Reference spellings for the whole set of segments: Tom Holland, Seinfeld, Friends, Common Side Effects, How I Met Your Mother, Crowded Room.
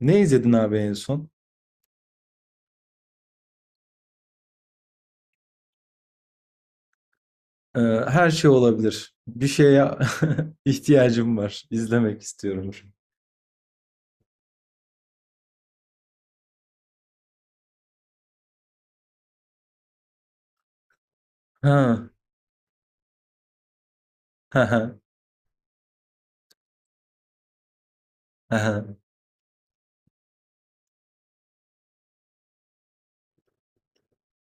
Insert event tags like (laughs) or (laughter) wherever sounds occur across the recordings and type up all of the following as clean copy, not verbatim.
Ne izledin abi en son? Ee, Her şey olabilir. Bir şeye (laughs) ihtiyacım var. İzlemek istiyorum. Ha, ha, ha, ha.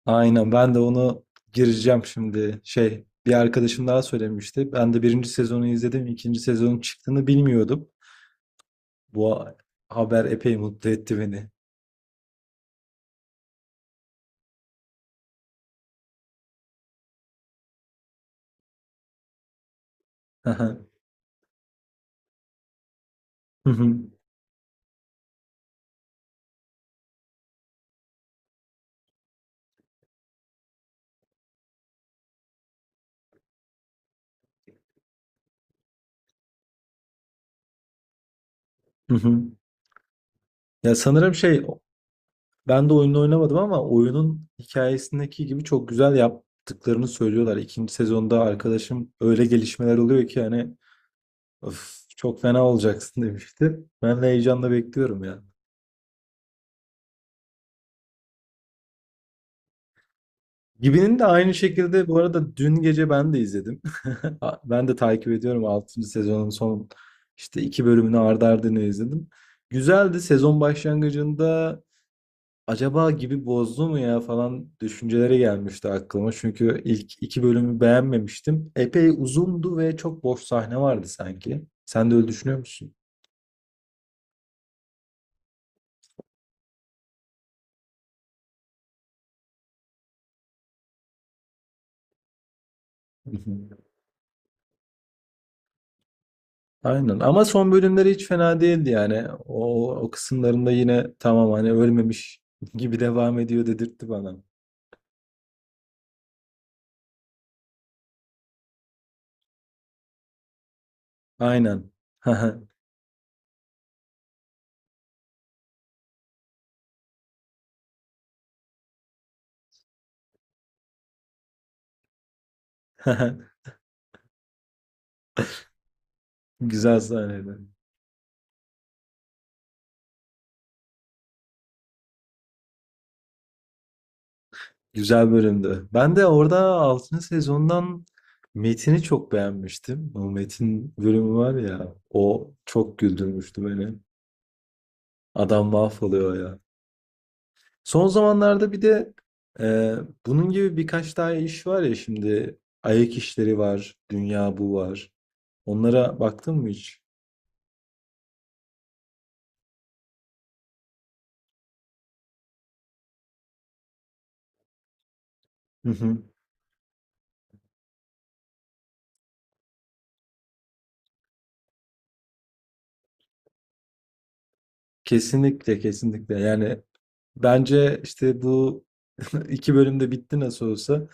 Aynen. Ben de onu gireceğim şimdi. Şey, bir arkadaşım daha söylemişti. Ben de birinci sezonu izledim. İkinci sezonun çıktığını bilmiyordum. Bu a- haber epey mutlu etti beni. (laughs) Hı hı. Hı hı. Ya sanırım şey, ben de oyununu oynamadım ama oyunun hikayesindeki gibi çok güzel yaptıklarını söylüyorlar. İkinci sezonda arkadaşım öyle gelişmeler oluyor ki hani "Öf, çok fena olacaksın (laughs) demişti. Ben de heyecanla bekliyorum yani. Gibi'nin de aynı şekilde bu arada dün gece ben de izledim. (laughs) Ben de takip ediyorum altıncı sezonun son işte iki bölümünü ardı ardına izledim. Güzeldi, sezon başlangıcında acaba gibi bozdu mu ya falan düşünceleri gelmişti aklıma. Çünkü ilk iki bölümü beğenmemiştim. Epey uzundu ve çok boş sahne vardı sanki. Sen de öyle düşünüyor musun? (laughs) Hı hı. Aynen ama son bölümleri hiç fena değildi yani. O, o kısımlarında yine tamam hani ölmemiş (laughs) gibi devam ediyor dedirtti bana. Aynen. (laughs) Güzel sahneydi. Güzel bölümdü. Ben de orada altıncı sezondan Metin'i çok beğenmiştim. O Metin bölümü var ya, o çok güldürmüştü beni. Adam mahvoluyor ya. Son zamanlarda bir de e, bunun gibi birkaç daha iş var ya şimdi. Ayak işleri var, Dünya Bu var. Onlara baktın mı hiç? Hı hı. Kesinlikle, kesinlikle. Yani bence işte bu (laughs) iki bölümde bitti nasıl olsa.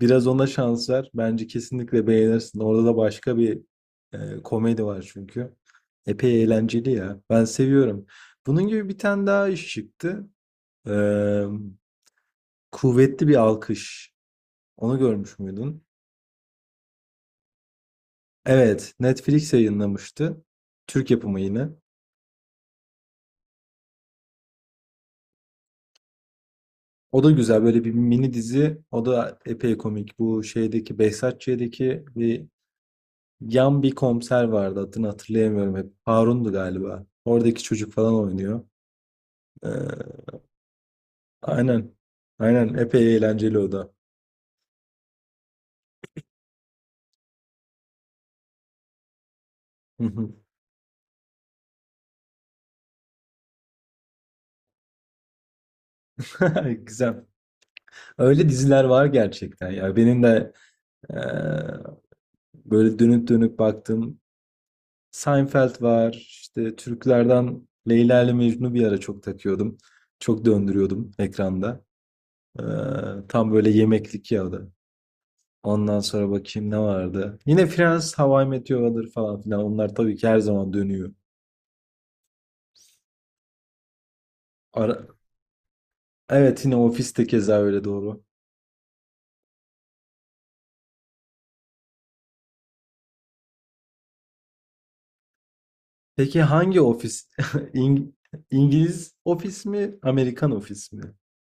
Biraz ona şans ver. Bence kesinlikle beğenirsin. Orada da başka bir komedi var çünkü. Epey eğlenceli ya. Ben seviyorum. Bunun gibi bir tane daha iş çıktı. Ee, Kuvvetli Bir Alkış. Onu görmüş müydün? Evet, Netflix yayınlamıştı. Türk yapımı yine. O da güzel böyle bir mini dizi. O da epey komik. Bu şeydeki Behzatçı'daki bir yan bir komiser vardı. Adını hatırlayamıyorum hep. Harun'du galiba. Oradaki çocuk falan oynuyor. Ee, aynen. Aynen. Epey eğlenceli o da. Hı hı. (laughs) Güzel. Öyle diziler var gerçekten ya. Benim de eee, böyle dönüp dönüp baktığım Seinfeld var. İşte Türklerden Leyla ile Mecnun'u bir ara çok takıyordum. Çok döndürüyordum ekranda. Eee, tam böyle yemeklik ya da. Ondan sonra bakayım ne vardı. Yine Friends, How I Met Your Mother falan filan. Onlar tabii ki her zaman dönüyor. Ara- Evet, yine ofiste keza öyle doğru. Peki hangi ofis? (laughs) İng- İngiliz ofis mi, Amerikan ofis mi?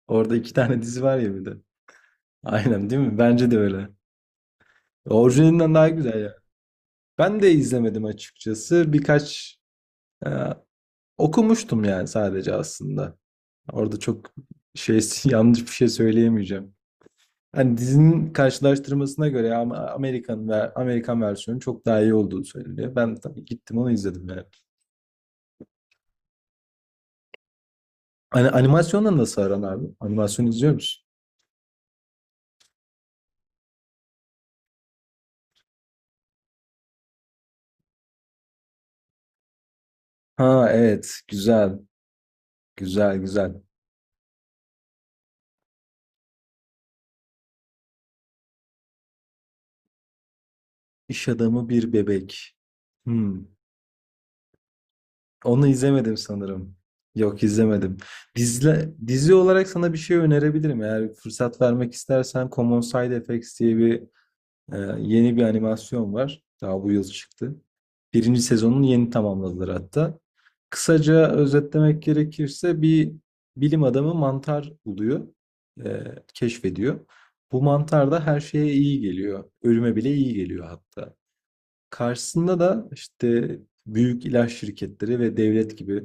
Orada iki tane dizi var ya bir de. Aynen değil mi? Bence de öyle. Orijinalinden daha güzel ya. Ben de izlemedim açıkçası. Birkaç e, okumuştum yani sadece aslında. Orada çok şey (laughs) yanlış bir şey söyleyemeyeceğim. Hani dizinin karşılaştırmasına göre ama Amerikan ve Amerikan versiyonu çok daha iyi olduğu söyleniyor. Ben tabii gittim onu izledim yani. Hani animasyonla nasıl aran abi? Animasyon izliyor musun? Ha evet, güzel güzel güzel. İş adamı bir bebek. Hmm. Onu izlemedim sanırım. Yok izlemedim. Dizi olarak sana bir şey önerebilirim. Eğer fırsat vermek istersen Common Side Effects diye bir yeni bir animasyon var. Daha bu yıl çıktı. Birinci sezonunu yeni tamamladılar hatta. Kısaca özetlemek gerekirse bir bilim adamı mantar buluyor, e, keşfediyor. Bu mantar da her şeye iyi geliyor. Ölüme bile iyi geliyor hatta. Karşısında da işte büyük ilaç şirketleri ve devlet gibi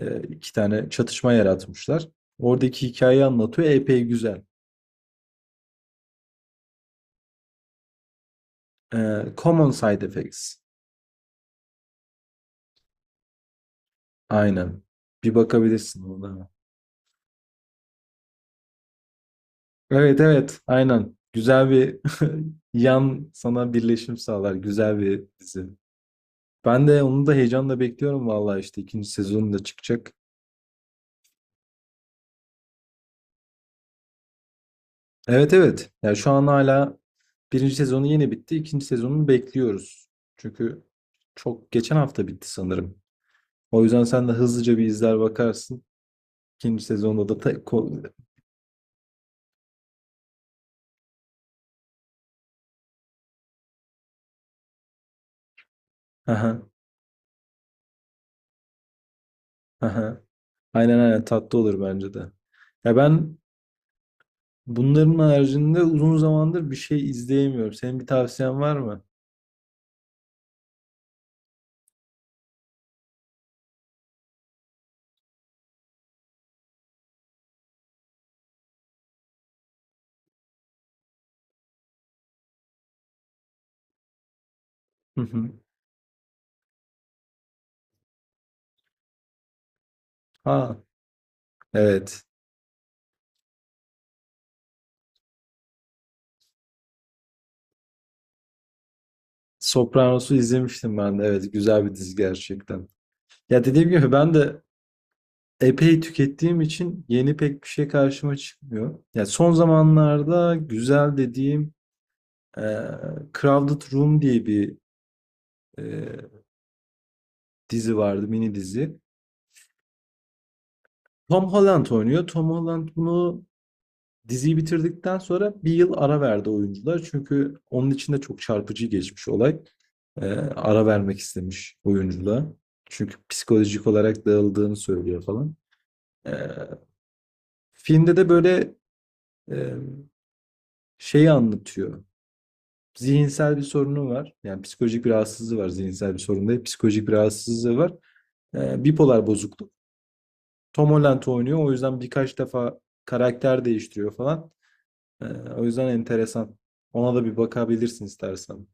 iki tane çatışma yaratmışlar. Oradaki hikayeyi anlatıyor. Epey güzel. E, Common Side Effects. Aynen. Bir bakabilirsin orada. Evet evet aynen. Güzel bir (laughs) yan sana birleşim sağlar. Güzel bir dizi. Ben de onu da heyecanla bekliyorum vallahi işte ikinci sezonu da çıkacak. Evet evet. Ya şu an hala birinci sezonu yeni bitti. İkinci sezonunu bekliyoruz. Çünkü çok geçen hafta bitti sanırım. O yüzden sen de hızlıca bir izler bakarsın. İkinci sezonda da aha, aha. Aynen aynen, tatlı olur bence de. Ya ben, bunların haricinde uzun zamandır bir şey izleyemiyorum. Senin bir tavsiyen var mı? Hı hı. Ha, evet. Sopranos'u izlemiştim ben de. Evet, güzel bir dizi gerçekten. Ya dediğim gibi ben de epey tükettiğim için yeni pek bir şey karşıma çıkmıyor. Ya son zamanlarda güzel dediğim e, Crowded Room diye bir e, dizi vardı, mini dizi. Tom Holland oynuyor. Tom Holland bunu Diziyi bitirdikten sonra bir yıl ara verdi oyuncular. Çünkü onun için de çok çarpıcı geçmiş olay. Ara vermek istemiş oyunculuğa. Çünkü psikolojik olarak dağıldığını söylüyor falan. Ee, filmde de böyle e, şeyi anlatıyor. Zihinsel bir sorunu var. Yani psikolojik bir rahatsızlığı var. Zihinsel bir sorun değil. Psikolojik bir rahatsızlığı var. Bipolar bozukluk. Tom Holland oynuyor. O yüzden birkaç defa karakter değiştiriyor falan. Ee, o yüzden enteresan. Ona da bir bakabilirsin istersen.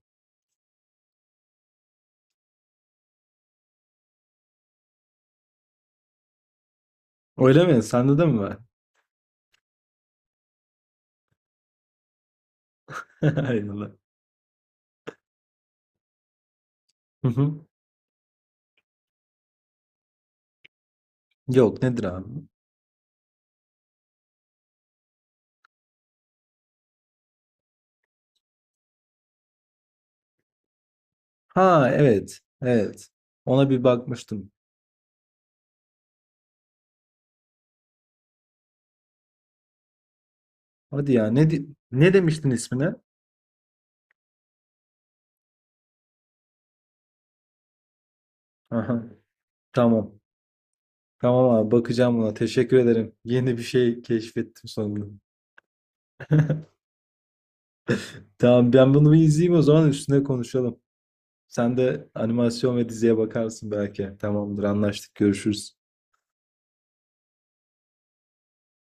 Öyle mi? Sende de mi var? (laughs) Aynen. Hı hı. Yok, nedir abi? Ha evet. Evet. Ona bir bakmıştım. Hadi ya ne di- ne demiştin ismine? Aha. Tamam. Tamam abi, bakacağım buna. Teşekkür ederim. Yeni bir şey keşfettim sonunda. (laughs) Tamam, ben bunu bir izleyeyim o zaman üstüne konuşalım. Sen de animasyon ve diziye bakarsın belki. Tamamdır, anlaştık, görüşürüz.